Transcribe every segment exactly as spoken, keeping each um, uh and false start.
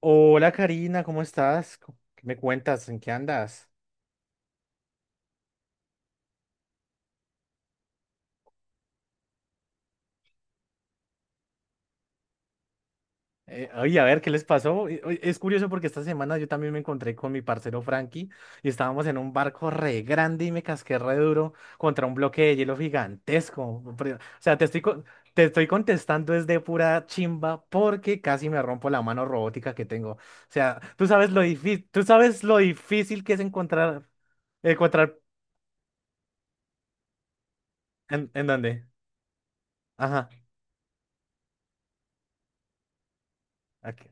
Hola Karina, ¿cómo estás? Co- ¿Qué me cuentas? ¿En qué andas? Eh, oye, a ver, ¿qué les pasó? Eh, oye, es curioso porque esta semana yo también me encontré con mi parcero Frankie y estábamos en un barco re grande y me casqué re duro contra un bloque de hielo gigantesco. Pero, o sea, te estoy, co- te estoy contestando es de pura chimba porque casi me rompo la mano robótica que tengo. O sea, tú sabes lo difícil, tú sabes lo difícil que es encontrar, encontrar, ¿en, en dónde? Ajá. Ok.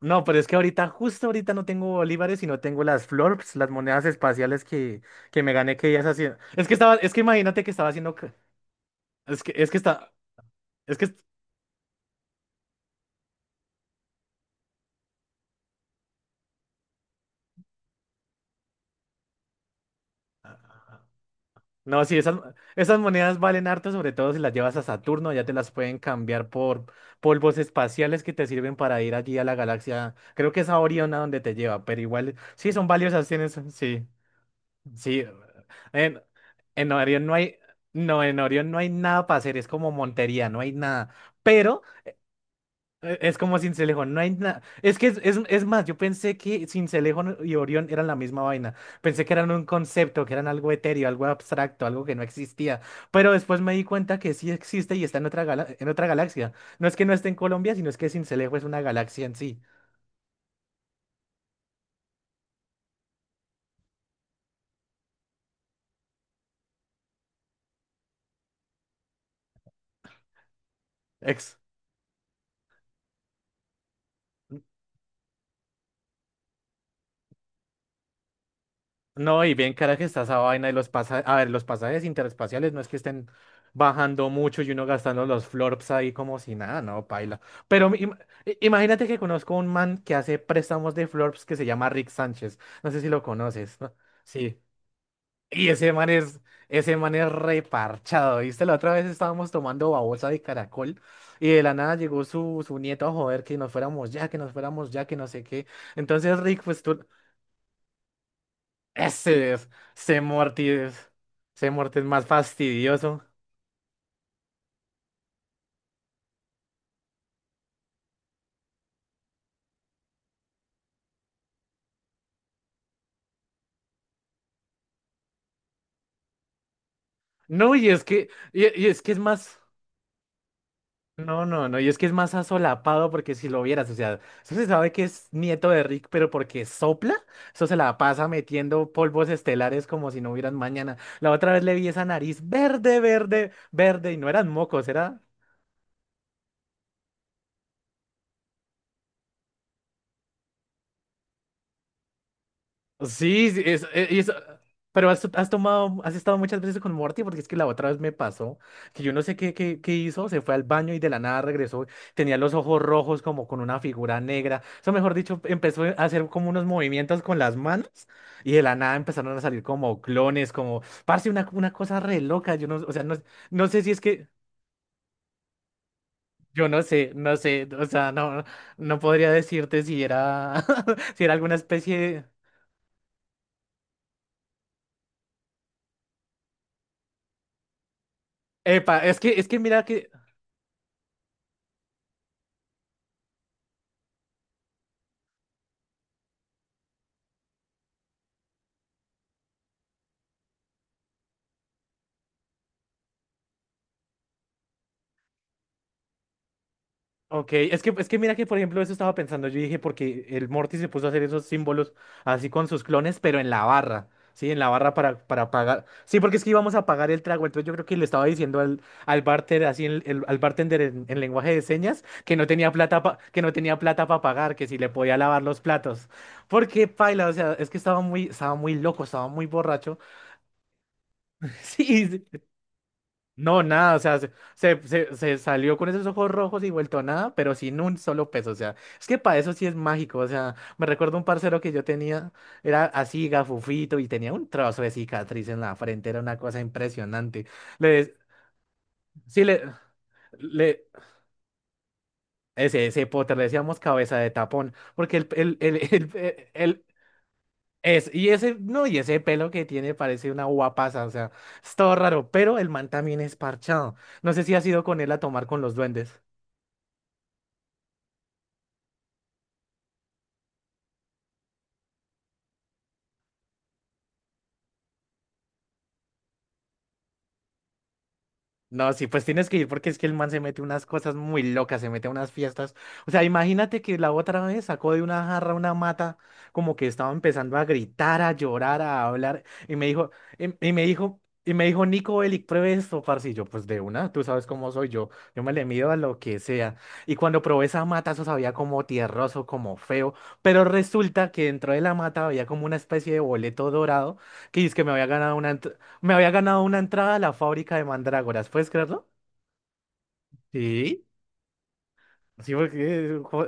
No, pero es que ahorita, justo ahorita no tengo bolívares, sino tengo las florps, las monedas espaciales que, que me gané que ellas hacían. Es que estaba, es que imagínate que estaba haciendo. ca- Es que, es que está. Es que. No, sí, esas, esas monedas valen harto, sobre todo si las llevas a Saturno, ya te las pueden cambiar por polvos espaciales que te sirven para ir allí a la galaxia. Creo que es a Orión a donde te lleva, pero igual, sí, son valiosas, tienes, sí, sí. En, en Orión no hay, no, en Orión no hay nada para hacer, es como Montería, no hay nada. Pero, Eh, es como Sincelejo, no hay nada. Es que es, es, es más, yo pensé que Sincelejo no- y Orión eran la misma vaina. Pensé que eran un concepto, que eran algo etéreo, algo abstracto, algo que no existía. Pero después me di cuenta que sí existe y está en otra gala- en otra galaxia. No es que no esté en Colombia, sino es que Sincelejo es una galaxia en sí. No, y bien cara que está esa vaina y los pasajes, a ver, los pasajes interespaciales no es que estén bajando mucho y uno gastando los florps ahí como si nada, no, paila. Pero mi- im- i- imagínate que conozco un man que hace préstamos de florps que se llama Rick Sánchez. No sé si lo conoces, ¿no? Sí. Y ese man es, ese man es reparchado, ¿viste? La otra vez estábamos tomando babosa de caracol y de la nada llegó su, su nieto a joder que nos fuéramos ya, que nos fuéramos ya, que no sé qué. Entonces, Rick, pues tú, ese es, ese Morty es, ese es más fastidioso. No, y es que, y, y es que es más, no, no, no, y es que es más asolapado porque si lo vieras, o sea, eso se sabe que es nieto de Rick, pero porque sopla, eso se la pasa metiendo polvos estelares como si no hubieran mañana. La otra vez le vi esa nariz verde, verde, verde, y no eran mocos, era sí, sí, es, eh, y eso- pero has, has tomado, has estado muchas veces con Morty porque es que la otra vez me pasó que yo no sé qué, qué, qué hizo, se fue al baño y de la nada regresó, tenía los ojos rojos como con una figura negra, eso mejor dicho, empezó a hacer como unos movimientos con las manos y de la nada empezaron a salir como clones, como, parce, una, una cosa re loca, yo no, o sea, no, no sé si es que, yo no sé, no sé, o sea, no, no podría decirte si era, si era alguna especie... de... Epa, es que, es que mira que, ok, es que, es que mira que por ejemplo eso estaba pensando, yo dije porque el Morty se puso a hacer esos símbolos así con sus clones, pero en la barra, ¿sí? En la barra para, para pagar. Sí, porque es que íbamos a pagar el trago, entonces yo creo que le estaba diciendo al, al barter, así en- el- al bartender en, en lenguaje de señas, que no tenía plata pa- que no tenía plata para pagar, que si le podía lavar los platos. Porque paila, o sea, es que estaba muy, estaba muy loco, estaba muy borracho. Sí, no, nada, o sea, se, se, se- se salió con esos ojos rojos y vuelto a nada, pero sin un solo peso, o sea, es que para eso sí es mágico, o sea, me recuerdo un parcero que yo tenía, era así gafufito y tenía un trozo de cicatriz en la frente, era una cosa impresionante. Le, de- sí, le, le, ese, ese Potter le decíamos cabeza de tapón, porque el, el, el, el, el- el- es, y ese, no, y ese pelo que tiene parece una guapaza, o sea, es todo raro, pero el man también es parchado. No sé si has ido con él a tomar con los duendes. No, sí, pues tienes que ir porque es que el man se mete unas cosas muy locas, se mete a unas fiestas. O sea, imagínate que la otra vez sacó de una jarra una mata, como que estaba empezando a gritar, a llorar, a hablar, y me dijo, y, y me dijo, y me dijo, Nico Bellic, pruebe esto, parce. Y yo, pues de una, tú sabes cómo soy yo, yo me le mido a lo que sea. Y cuando probé esa mata, eso sabía como tierroso, como feo, pero resulta que dentro de la mata había como una especie de boleto dorado que dice que me había ganado una, me había ganado una entrada a la fábrica de mandrágoras, ¿puedes creerlo? Sí, sí, porque... jo-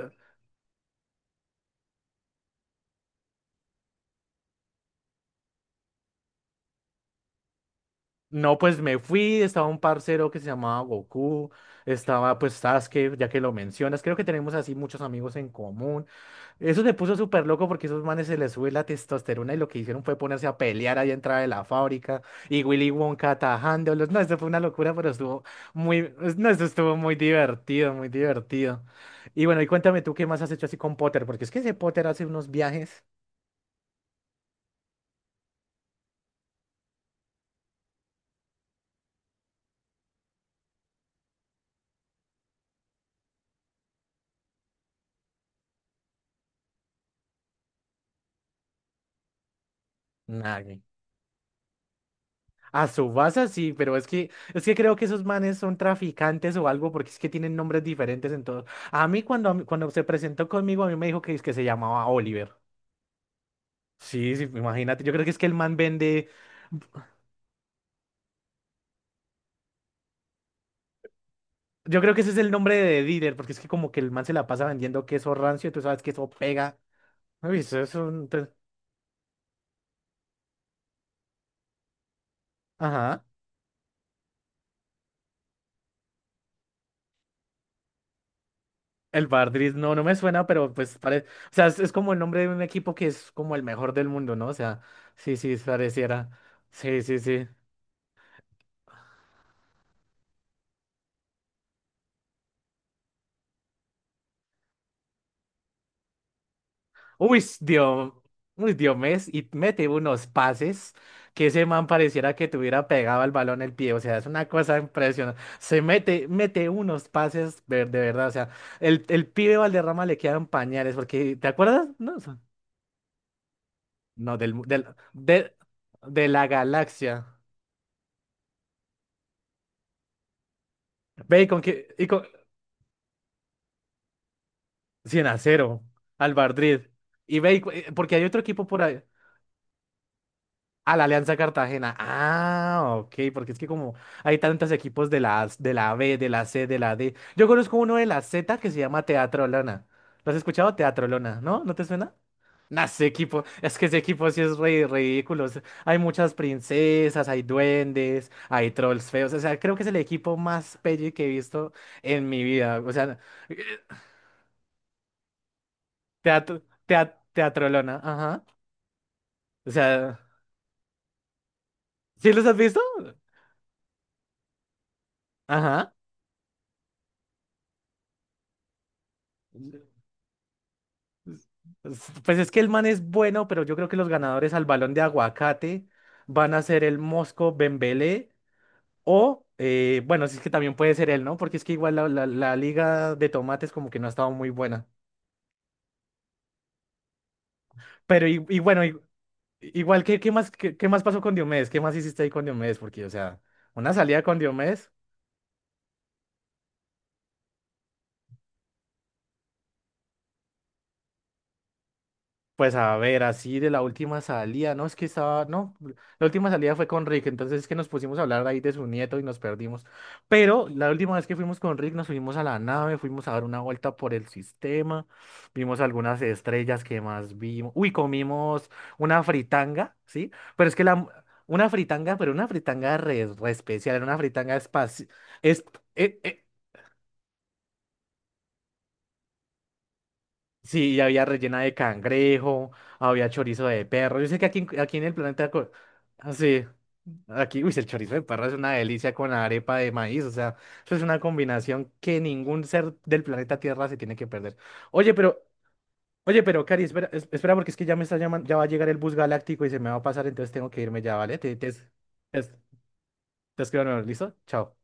no, pues me fui, estaba un parcero que se llamaba Goku, estaba pues Sasuke, ya que lo mencionas, creo que tenemos así muchos amigos en común. Eso se puso súper loco porque esos manes se les sube la testosterona y lo que hicieron fue ponerse a pelear allá entrada de la fábrica y Willy Wonka atajándolos. No, eso fue una locura, pero estuvo muy, es- no, eso estuvo muy divertido, muy divertido. Y bueno, y cuéntame tú qué más has hecho así con Potter, porque es que ese Potter hace unos viajes. Nadie. A su base sí, pero es que, es que creo que esos manes son traficantes o algo porque es que tienen nombres diferentes en todos. A mí cuando, cuando se presentó conmigo, a mí me dijo que, es que se llamaba Oliver. Sí, sí, imagínate. Yo creo que es que el man vende. Yo creo que ese es el nombre de dealer, porque es que como que el man se la pasa vendiendo queso rancio, tú sabes que eso pega. Uy, eso es un. Te- Ajá. El Bardris, no, no me suena, pero pues parece. O sea, es, es como el nombre de un equipo que es como el mejor del mundo, ¿no? O sea, sí, sí, pareciera. Sí, sí, sí. Uy, Dios, uy, Diomedes, y mete unos pases que ese man pareciera que tuviera pegado al balón el pie. O sea, es una cosa impresionante. Se mete, mete unos pases de, de verdad. O sea, el, el pibe Valderrama le quedan pañales, porque, ¿te acuerdas? No, o sea, no, del, mu- del, de, de la galaxia. Ve y con que, y con, cien a cero, al Madrid. Y ve, y cu- eh, porque hay otro equipo por ahí. A la Alianza Cartagena. Ah, ok, porque es que como hay tantos equipos de la, A- de la B, de la C, de la D. Yo conozco uno de la Z que se llama Teatro Lona. ¿Lo has escuchado? Teatro Lona, ¿no? ¿No te suena? Nah, ese equipo, es que ese equipo sí es re ridículo. Es- hay muchas princesas, hay duendes, hay trolls feos. O sea, creo que es el equipo más pelle que he visto en mi vida. O sea, teatro, teatro, Teatro Lona, ajá. O sea, ¿sí los has visto? Ajá. Pues pues es que el man es bueno, pero yo creo que los ganadores al balón de aguacate van a ser el Mosco Bembélé o, eh, bueno, si es que también puede ser él, ¿no? Porque es que igual la, la- la liga de tomates como que no ha estado muy buena. Pero y, y bueno, y- igual, ¿qué, qué más, qué, qué más pasó con Diomedes? ¿Qué más hiciste ahí con Diomedes? Porque, o sea, una salida con Diomedes. Pues a ver, así de la última salida, no, es que estaba, no, la última salida fue con Rick, entonces es que nos pusimos a hablar ahí de su nieto y nos perdimos. Pero la última vez que fuimos con Rick nos subimos a la nave, fuimos a dar una vuelta por el sistema, vimos algunas estrellas que más vimos. Uy, comimos una fritanga, ¿sí? Pero es que la, una fritanga, pero una fritanga re, re especial, era una fritanga espacial, sí, y había rellena de cangrejo, había chorizo de perro. Yo sé que aquí, en- aquí en el planeta... co- ah, sí, aquí, uy, el chorizo de perro es una delicia con la arepa de maíz. O sea, eso es una combinación que ningún ser del planeta Tierra se tiene que perder. Oye, pero, oye, pero, Cari, espera, es- espera, porque es que ya me está llamando, ya va a llegar el bus galáctico y se me va a pasar, entonces tengo que irme ya, ¿vale? Te, te, te, te escribo de nuevo, ¿listo? Chao.